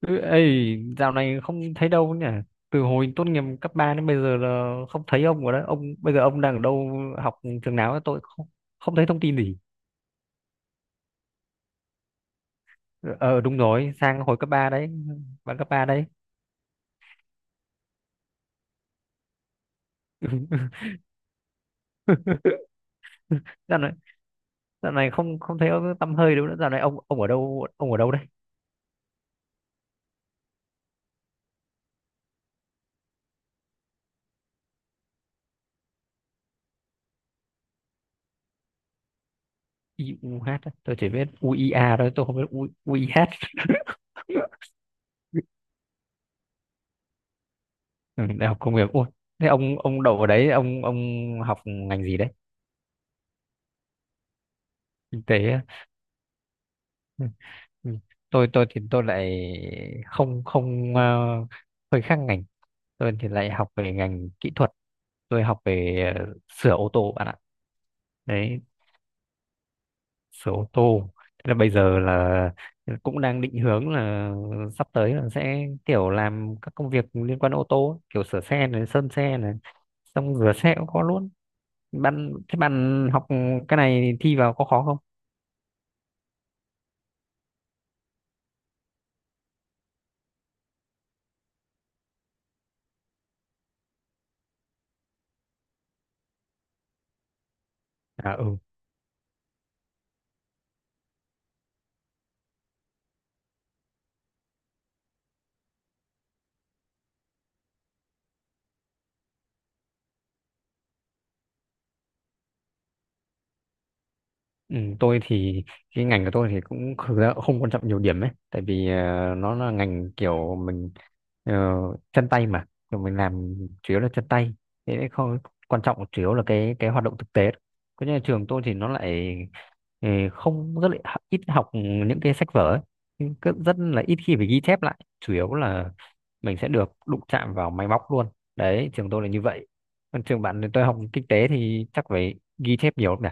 Ừ, ấy dạo này không thấy đâu nhỉ, từ hồi tốt nghiệp cấp 3 đến bây giờ là không thấy ông rồi đấy. Ông bây giờ ông đang ở đâu, học trường nào ấy? Tôi không không thấy thông tin gì. Ờ, đúng rồi, Sang hồi cấp 3 đấy, bạn cấp 3 đấy. dạo này dạo này không không thấy ông tăm hơi đâu nữa. Dạo này ông ở đâu, ông ở đâu đấy? IUH á. Tôi chỉ biết UIA thôi, tôi không biết UIH. Ừ, đại học công nghiệp, ôi thế ông đậu ở đấy, ông học ngành gì đấy? Kinh tế á. Ừ. Ừ. Tôi thì tôi lại không không, hơi khác ngành. Tôi thì lại học về ngành kỹ thuật. Tôi học về sửa ô tô, bạn ạ. Đấy, sửa ô tô, thế là bây giờ là cũng đang định hướng là sắp tới là sẽ kiểu làm các công việc liên quan đến ô tô ấy, kiểu sửa xe này, sơn xe này, xong rửa xe cũng có luôn. Bạn, thế bạn học cái này thi vào có khó không? À, ừ. Ừ, tôi thì cái ngành của tôi thì cũng thực ra cũng không quan trọng nhiều điểm ấy, tại vì nó là ngành kiểu mình, ờ, chân tay mà, kiểu mình làm chủ yếu là chân tay, thế nên không quan trọng, chủ yếu là cái hoạt động thực tế. Có, nhà trường tôi thì nó lại, không, rất là ít học những cái sách vở ấy. Nhưng cứ rất là ít khi phải ghi chép lại, chủ yếu là mình sẽ được đụng chạm vào máy móc luôn. Đấy, trường tôi là như vậy. Còn trường bạn thì, tôi học kinh tế thì chắc phải ghi chép nhiều lắm nhỉ?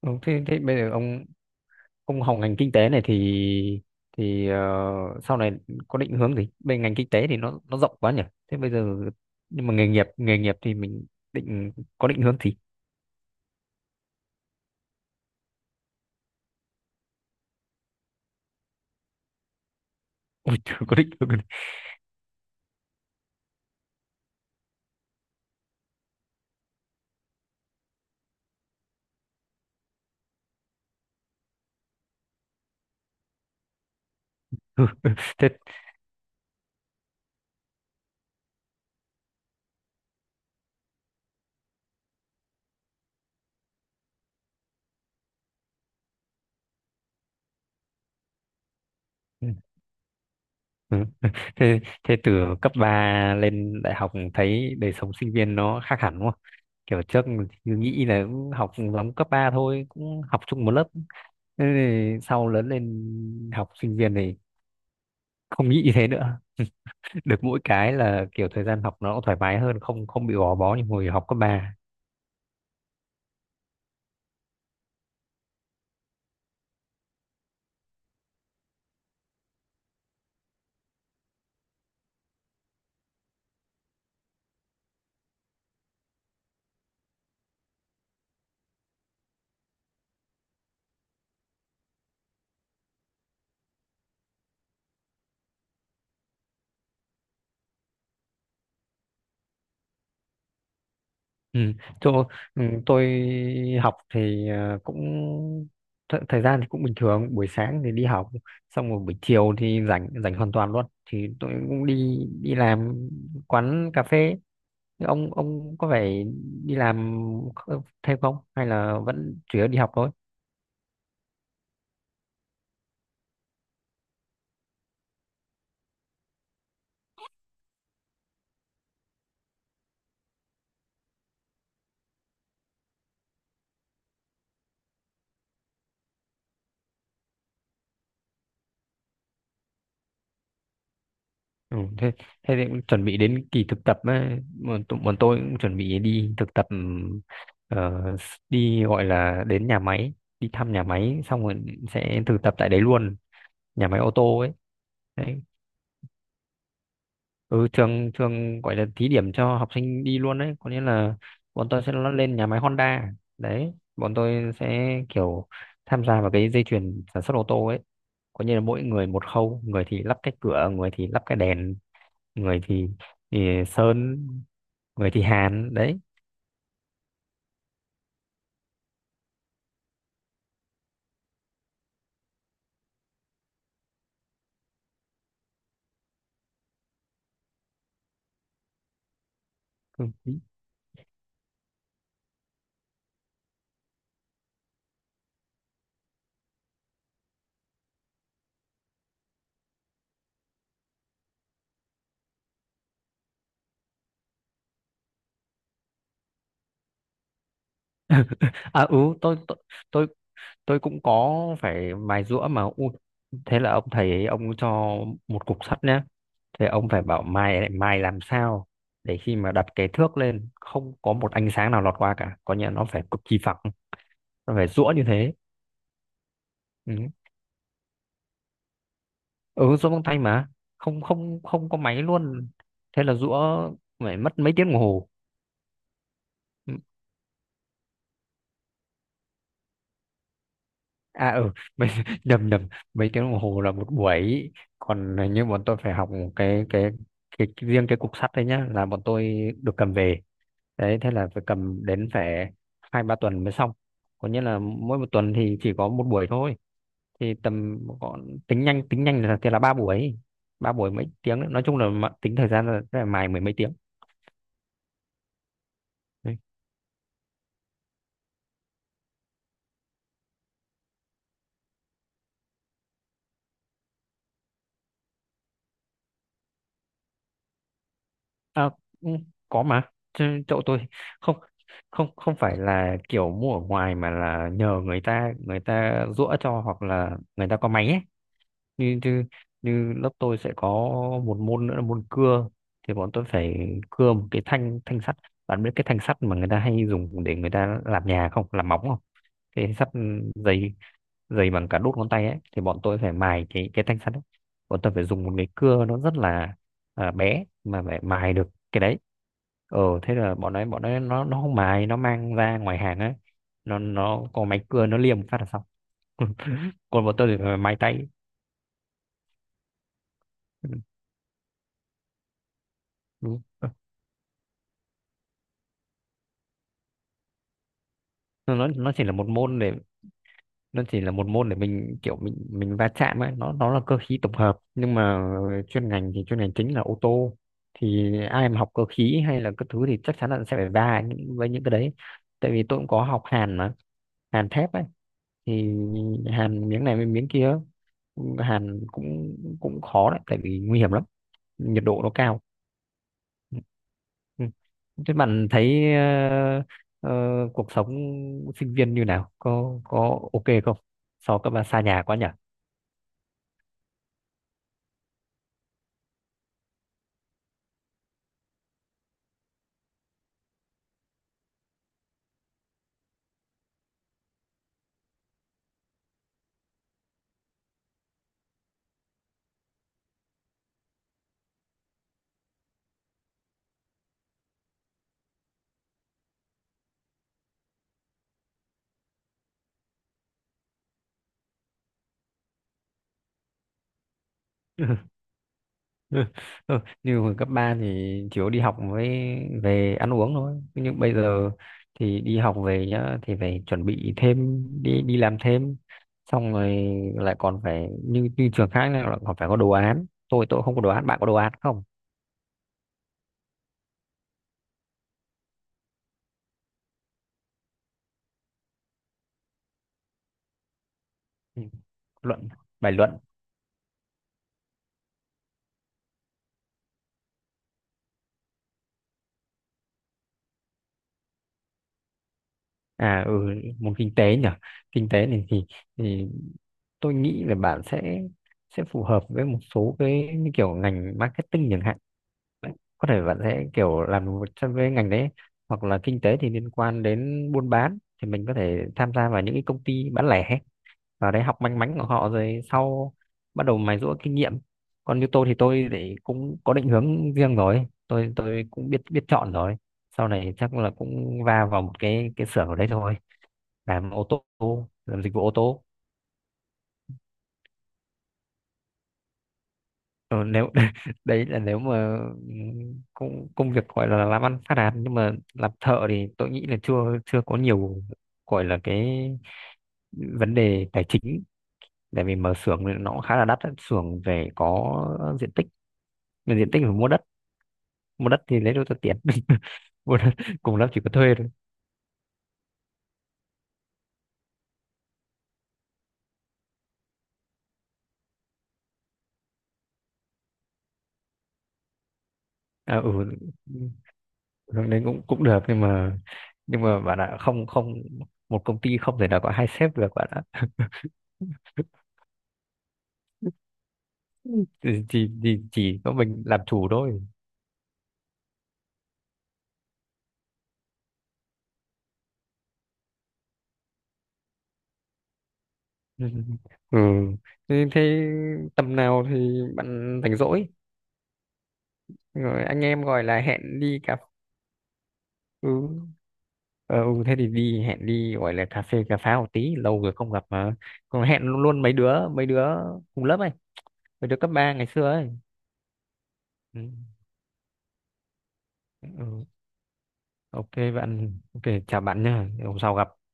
Ừ, thế, thế bây giờ ông học ngành kinh tế này thì, sau này có định hướng gì? Bên ngành kinh tế thì nó rộng quá nhỉ. Thế bây giờ, nhưng mà nghề nghiệp thì mình định có định hướng gì? Ui, chưa có định hướng. Thế ừ, thế thế từ cấp 3 lên đại học thấy đời sống sinh viên nó khác hẳn đúng không? Kiểu trước cứ nghĩ là cũng học giống cấp 3 thôi, cũng học chung một lớp. Thế thì sau lớn lên học sinh viên thì không nghĩ như thế nữa, được mỗi cái là kiểu thời gian học nó cũng thoải mái hơn, không không bị gò bó như hồi học cấp ba. Ừ. Chỗ, ừ, tôi học thì cũng thời gian thì cũng bình thường, buổi sáng thì đi học xong rồi, buổi chiều thì rảnh, rảnh hoàn toàn luôn, thì tôi cũng đi đi làm quán cà phê. Thế ông có phải đi làm thêm không hay là vẫn chủ yếu đi học thôi? Ừ, thế, thế thì cũng chuẩn bị đến kỳ thực tập ấy. Bọn tôi cũng chuẩn bị đi thực tập, đi gọi là đến nhà máy, đi thăm nhà máy xong rồi sẽ thực tập tại đấy luôn, nhà máy ô tô ấy đấy. Ừ, trường trường gọi là thí điểm cho học sinh đi luôn đấy, có nghĩa là bọn tôi sẽ lên nhà máy Honda. Đấy, bọn tôi sẽ kiểu tham gia vào cái dây chuyền sản xuất ô tô ấy, có nghĩa là mỗi người một khâu, người thì lắp cái cửa, người thì lắp cái đèn, người thì Sơn, người thì Hàn đấy. À, ừ, tôi tôi cũng có phải mài giũa mà. Ui, thế là ông thầy ấy, ông cho một cục sắt nhá, thế ông phải bảo mài lại, mài làm sao để khi mà đặt cái thước lên không có một ánh sáng nào lọt qua cả, có nghĩa là nó phải cực kỳ phẳng, nó phải giũa như thế. Ừ, ừ giũa bằng tay mà, không không không có máy luôn, thế là giũa phải mất mấy tiếng đồng hồ. Ừ, à ừ, mấy, nhầm, nhầm, mấy tiếng đồng hồ là một buổi. Còn như bọn tôi phải học cái cái cái riêng, cái cục sắt đấy nhá, là bọn tôi được cầm về. Đấy, thế là phải cầm đến, phải hai ba tuần mới xong, có nghĩa là mỗi một tuần thì chỉ có một buổi thôi, thì tầm còn, tính nhanh là thì là ba buổi, ba buổi mấy tiếng đấy. Nói chung là tính thời gian là mài mười mấy tiếng. À, ừ, có mà. Chứ chỗ tôi không không không phải là kiểu mua ở ngoài mà là nhờ người ta giũa cho, hoặc là người ta có máy ấy. Như như như lớp tôi sẽ có một môn nữa là môn cưa, thì bọn tôi phải cưa một cái thanh thanh sắt. Bạn biết cái thanh sắt mà người ta hay dùng để người ta làm nhà không, làm móng không, cái sắt dày, dày bằng cả đốt ngón tay ấy, thì bọn tôi phải mài cái thanh sắt ấy. Bọn tôi phải dùng một cái cưa nó rất là, bé, mà phải mài được cái đấy. Ờ, thế là bọn ấy nó không mài, nó mang ra ngoài hàng ấy, nó có máy cưa, nó liềm phát là xong. Còn bọn tôi thì phải mài tay. Ừ. Nó chỉ là một môn để, nó chỉ là một môn để mình kiểu, mình va chạm ấy, nó là cơ khí tổng hợp, nhưng mà chuyên ngành thì chuyên ngành chính là ô tô, thì ai mà học cơ khí hay là các thứ thì chắc chắn là sẽ phải va với những cái đấy. Tại vì tôi cũng có học hàn mà, hàn thép ấy, thì hàn miếng này với miếng kia, hàn cũng cũng khó đấy, tại vì nguy hiểm lắm, nhiệt độ nó cao. Ừ, ừ. Thế bạn thấy ờ, cuộc sống sinh viên như nào? Có ok không? So cấp ba xa nhà quá nhỉ? Ừ, ừ, như hồi cấp ba thì chủ yếu đi học với về ăn uống thôi, nhưng bây giờ thì đi học về nhá thì phải chuẩn bị thêm, đi đi làm thêm, xong rồi lại còn phải như như trường khác này lại còn phải có đồ án. Tôi không có đồ án, bạn có đồ án không? Ừ, luận, bài luận. À ừ, môn kinh tế nhỉ. Kinh tế này thì tôi nghĩ là bạn sẽ phù hợp với một số cái như kiểu ngành marketing chẳng hạn. Đấy, có thể bạn sẽ kiểu làm một trong cái ngành đấy, hoặc là kinh tế thì liên quan đến buôn bán thì mình có thể tham gia vào những cái công ty bán lẻ, vào đấy học manh mánh của họ rồi sau bắt đầu mài giũa kinh nghiệm. Còn như tôi thì cũng có định hướng riêng rồi. Tôi cũng biết biết chọn rồi. Sau này chắc là cũng va vào một cái xưởng ở đấy thôi, làm ô tô, làm dịch vụ ô tô. Ờ, nếu đấy là nếu mà, ừ, công công việc gọi là làm ăn phát đạt, nhưng mà làm thợ thì tôi nghĩ là chưa chưa có nhiều, gọi là cái vấn đề tài chính. Tại vì mở xưởng thì nó cũng khá là đắt á. Xưởng phải có diện tích, mà diện tích phải mua đất, mua đất thì lấy đâu ra tiền? Mua đất, cùng lắm chỉ có thuê thôi. À, ừ, hướng đấy cũng cũng được, nhưng mà bạn ạ, không không một công ty không thể nào có hai sếp được bạn. Thì chỉ có mình làm chủ thôi. Ừ. Thế, thế tầm nào thì bạn rảnh rỗi, rồi anh em gọi là hẹn đi cà. Ừ. Ờ, ừ thế thì đi hẹn đi gọi là cà phê cà pháo một tí, lâu rồi không gặp mà, còn hẹn luôn mấy đứa cùng lớp ấy, mấy đứa cấp 3 ngày xưa ấy. Ừ. Ừ. Ok bạn, ok, chào bạn nhá, hôm sau gặp.